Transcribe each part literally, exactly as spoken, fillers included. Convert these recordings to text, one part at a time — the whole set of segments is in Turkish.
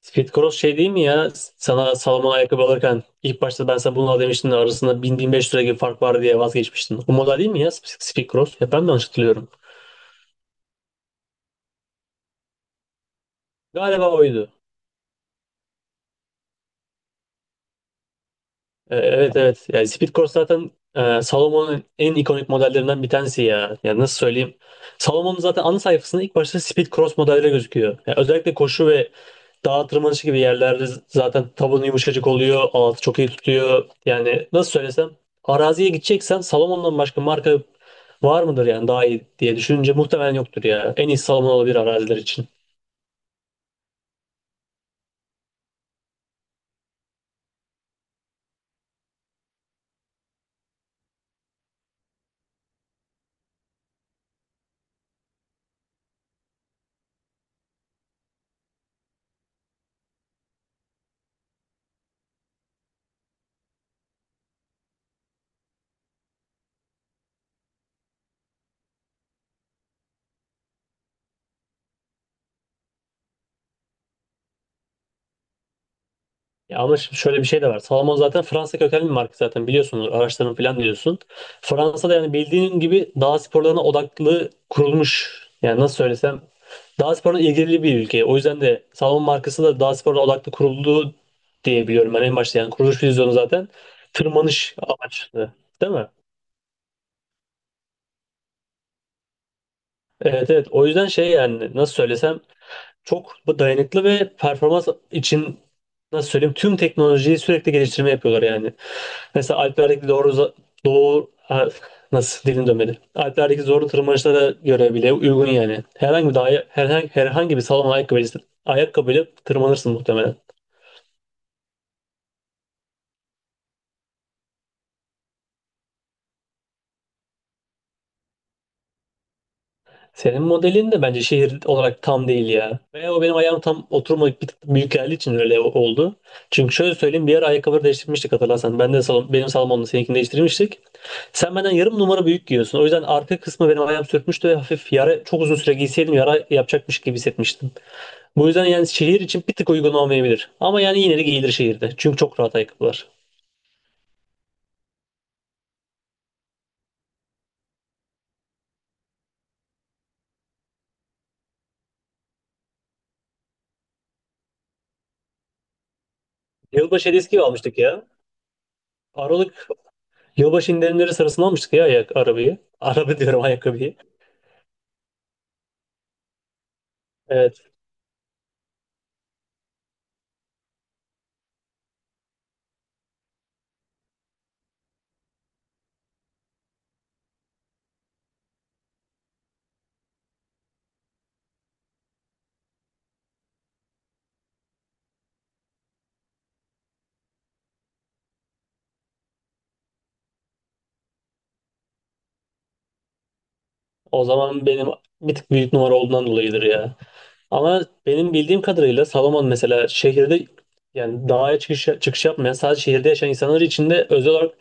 Speed Cross şey değil mi ya? Sana Salomon ayakkabı alırken ilk başta ben sana bunu al demiştim de arasında bin-bin beş bin beş yüz lira gibi fark var diye vazgeçmiştin. O model değil mi ya Speed Cross? Ya ben de yanlış hatırlıyorum. Galiba oydu. E, Evet evet. Yani Speed Corse zaten e, Salomon'un en ikonik modellerinden bir tanesi ya. Yani nasıl söyleyeyim? Salomon'un zaten ana sayfasında ilk başta Speed Cross modelleri gözüküyor. Yani özellikle koşu ve dağ tırmanışı gibi yerlerde z- zaten tabanı yumuşacık oluyor. Altı çok iyi tutuyor. Yani nasıl söylesem, araziye gideceksen Salomon'dan başka marka var mıdır yani daha iyi diye düşününce muhtemelen yoktur ya. En iyi Salomon olabilir araziler için. Ya ama şimdi şöyle bir şey de var. Salomon zaten Fransa kökenli bir marka zaten biliyorsun. Araçların falan diyorsun. Fransa'da yani bildiğin gibi dağ sporlarına odaklı kurulmuş. Yani nasıl söylesem, dağ sporuna ilgili bir ülke. O yüzden de Salomon markası da dağ sporuna odaklı kuruldu diye biliyorum ben en başta. Yani kuruluş vizyonu zaten tırmanış amaçlı. Değil mi? Evet evet. O yüzden şey, yani nasıl söylesem çok bu dayanıklı ve performans için, nasıl söyleyeyim, tüm teknolojiyi sürekli geliştirme yapıyorlar yani. Mesela Alplerdeki doğru za- doğu, nasıl dilim dönmedi. Alplerdeki zorlu tırmanışlara göre bile uygun yani. Herhangi bir dahi, herhangi, herhangi bir salon ayakkabıyla, ayakkabıyla tırmanırsın muhtemelen. Senin modelin de bence şehir olarak tam değil ya. Veya o benim ayağım tam oturmayıp bir tık büyük geldiği için öyle oldu. Çünkü şöyle söyleyeyim, bir ara ayakkabıları değiştirmiştik hatırlarsan. Ben de salon, benim salonumda seninkini değiştirmiştik. Sen benden yarım numara büyük giyiyorsun. O yüzden arka kısmı benim ayağım sürtmüştü ve hafif yara, çok uzun süre giyseydim yara yapacakmış gibi hissetmiştim. Bu yüzden yani şehir için bir tık uygun olmayabilir. Ama yani yine de giyilir şehirde. Çünkü çok rahat ayakkabılar. Yılbaşı hediyesi gibi almıştık ya. Aralık yılbaşı indirimleri sırasında almıştık ya ayak arabayı. Araba diyorum ayakkabıyı. Evet. O zaman benim bir tık büyük numara olduğundan dolayıdır ya. Ama benim bildiğim kadarıyla Salomon mesela şehirde, yani dağa çıkış, çıkış yapmayan sadece şehirde yaşayan insanlar için de özel olarak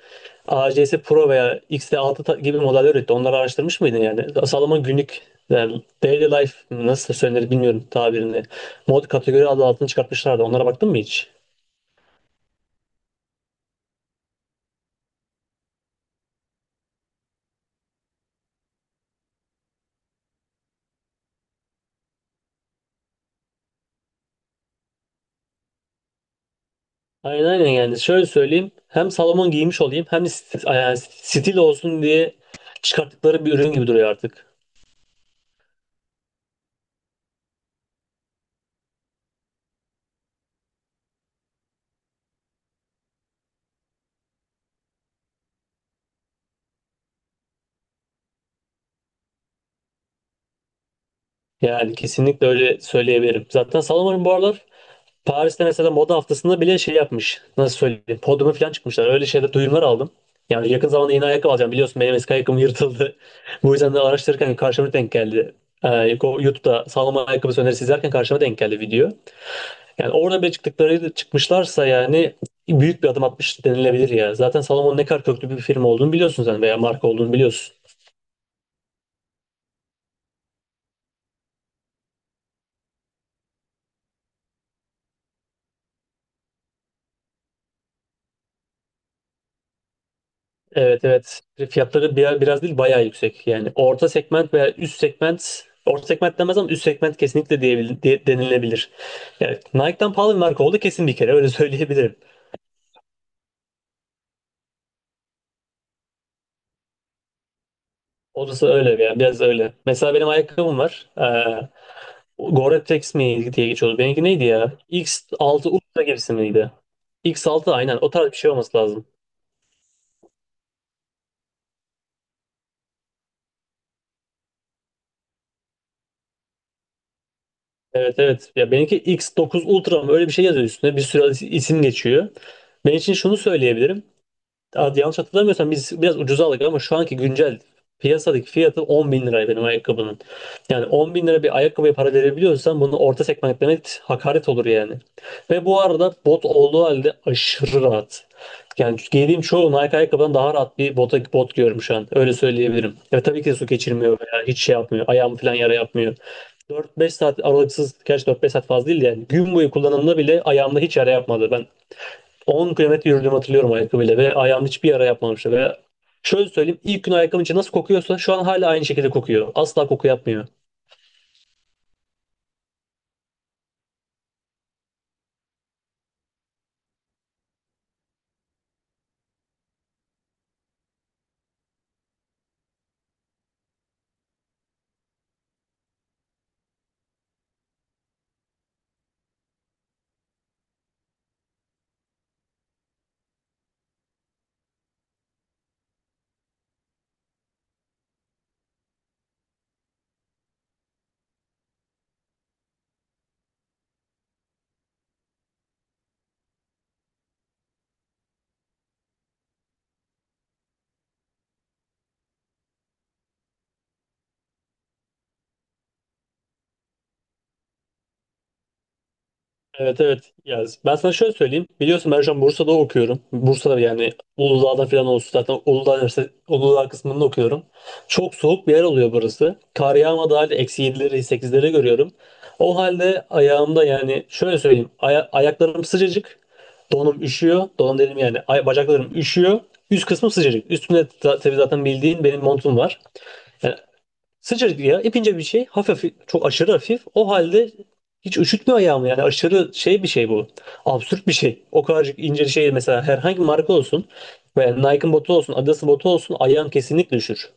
A C S Pro veya X T altı ta- gibi modeller üretti. Onları araştırmış mıydın yani? Salomon günlük, yani daily life mı, nasıl söylenir bilmiyorum tabirini. Mod kategori adı altını çıkartmışlardı. Onlara baktın mı hiç? Aynen aynen, yani şöyle söyleyeyim. Hem Salomon giymiş olayım hem de st- yani stil olsun diye çıkarttıkları bir ürün gibi duruyor artık. Yani kesinlikle öyle söyleyebilirim. Zaten Salomon'un bu aralar Paris'te mesela moda haftasında bile şey yapmış. Nasıl söyleyeyim? Podyuma falan çıkmışlar. Öyle şeyler, duyumlar aldım. Yani yakın zamanda yeni ayakkabı alacağım. Biliyorsun benim eski ayakkabım yırtıldı. Bu yüzden de araştırırken karşıma denk geldi. Ee, Go- YouTube'da sağlam ayakkabı önerisi izlerken karşıma denk geldi video. Yani orada bile çıktıkları, çıkmışlarsa yani büyük bir adım atmış denilebilir ya. Zaten Salomon ne kadar köklü bir firma olduğunu biliyorsun sen, veya marka olduğunu biliyorsun. Evet evet. Fiyatları bir- biraz değil bayağı yüksek. Yani orta segment veya üst segment, orta segment demez ama üst segment kesinlikle diyebil- diye, denilebilir. Yani Nike'dan pahalı bir marka oldu kesin bir kere, öyle söyleyebilirim. Orası öyle yani, biraz öyle. Mesela benim ayakkabım var. Ee, Gore-Tex mi diye geçiyordu. Benimki neydi ya? X altı Ultra gibisi miydi? X altı, aynen o tarz bir şey olması lazım. Evet evet. Ya benimki X dokuz Ultra mı, öyle bir şey yazıyor üstüne. Bir sürü isim geçiyor. Ben için şunu söyleyebilirim. Hadi yanlış hatırlamıyorsam biz biraz ucuza aldık, ama şu anki güncel piyasadaki fiyatı on bin lira benim ayakkabının. Yani on bin lira bir ayakkabıya para verebiliyorsan, bunu orta segment demek hakaret olur yani. Ve bu arada bot olduğu halde aşırı rahat. Yani giydiğim çoğu Nike ayakkabıdan daha rahat bir bota, bot giyiyorum şu an. Öyle söyleyebilirim. Ya tabii ki de su geçirmiyor veya hiç şey yapmıyor. Ayağımı falan yara yapmıyor. dört beş saat aralıksız, gerçi dört beş saat fazla değil de yani gün boyu kullanımda bile ayağımda hiç yara yapmadı. Ben on kilometre yürüdüğümü hatırlıyorum ayakkabıyla ve ayağım hiçbir yara yapmamıştı. Ve şöyle söyleyeyim, ilk gün ayakkabının içi nasıl kokuyorsa şu an hala aynı şekilde kokuyor. Asla koku yapmıyor. Evet evet. Ya ben sana şöyle söyleyeyim. Biliyorsun ben şu an Bursa'da okuyorum. Bursa'da, yani Uludağ'da falan olsun. Zaten Uludağ, Üniversite- Uludağ kısmında okuyorum. Çok soğuk bir yer oluyor burası. Kar yağmadığı halde eksi yedileri sekizleri görüyorum. O halde ayağımda, yani şöyle söyleyeyim, Aya- ayaklarım sıcacık. Donum üşüyor. Donum dedim yani. Ay- bacaklarım üşüyor. Üst kısmım sıcacık. Üstümde ta- tabii zaten bildiğin benim montum var. Yani sıcacık ya, ipince bir şey, hafif, hafif- çok aşırı hafif, o halde hiç üşütmüyor ayağımı yani, aşırı şey bir şey bu, absürt bir şey, o kadarcık ince bir şey, mesela herhangi bir marka olsun veya Nike'ın botu olsun, Adidas'ın botu olsun ayağım kesinlikle üşür.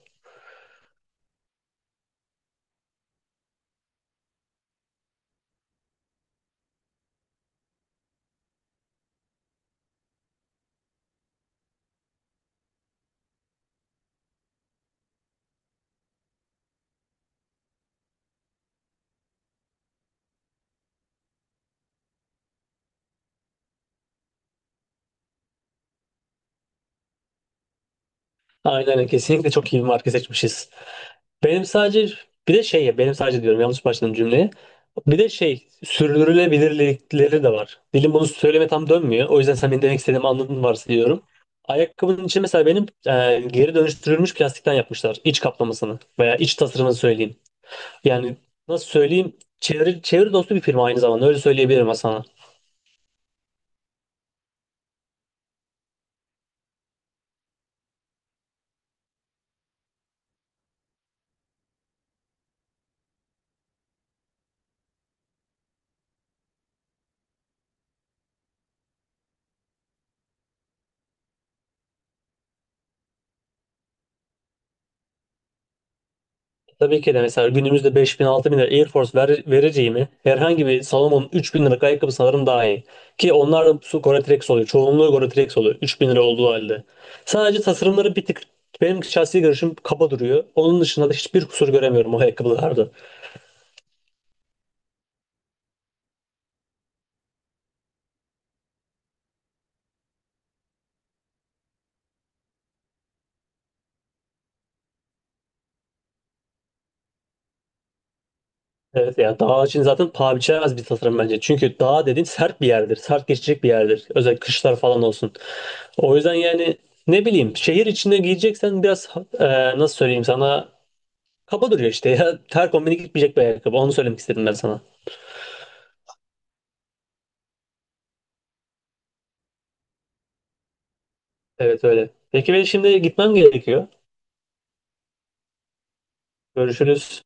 Aynen öyle. Kesinlikle çok iyi bir marka seçmişiz. Benim sadece, bir de şey ya, benim sadece diyorum, yanlış başladım cümleye. Bir de şey, sürdürülebilirlikleri de var. Dilim bunu söyleme tam dönmüyor. O yüzden sen benim demek istediğimi anladın varsayıyorum. Ayakkabının içi mesela benim, e, geri dönüştürülmüş plastikten yapmışlar. İç kaplamasını veya iç tasarımını söyleyeyim. Yani nasıl söyleyeyim? Çevre, çevre dostu bir firma aynı zamanda, öyle söyleyebilirim sana. Tabii ki de mesela günümüzde 5000 bin lira Air Force ver, vereceğimi herhangi bir Salomon'un üç bin liralık ayakkabı sanırım daha iyi. Ki onlar da su Gore-Tex oluyor. Çoğunluğu Gore-Tex oluyor. Üç bin lira olduğu halde. Sadece tasarımları bir tık, benim şahsi görüşüm, kaba duruyor. Onun dışında da hiçbir kusur göremiyorum o ayakkabılarda. Evet ya, dağ için zaten paha biçilemez bir tasarım bence. Çünkü dağ dediğin sert bir yerdir. Sert geçecek bir yerdir. Özellikle kışlar falan olsun. O yüzden yani ne bileyim, şehir içinde giyeceksen biraz, e, nasıl söyleyeyim sana, kaba duruyor işte ya. Ter kombini gitmeyecek bir ayakkabı. Onu söylemek istedim ben sana. Evet, öyle. Peki, ben şimdi gitmem gerekiyor. Görüşürüz.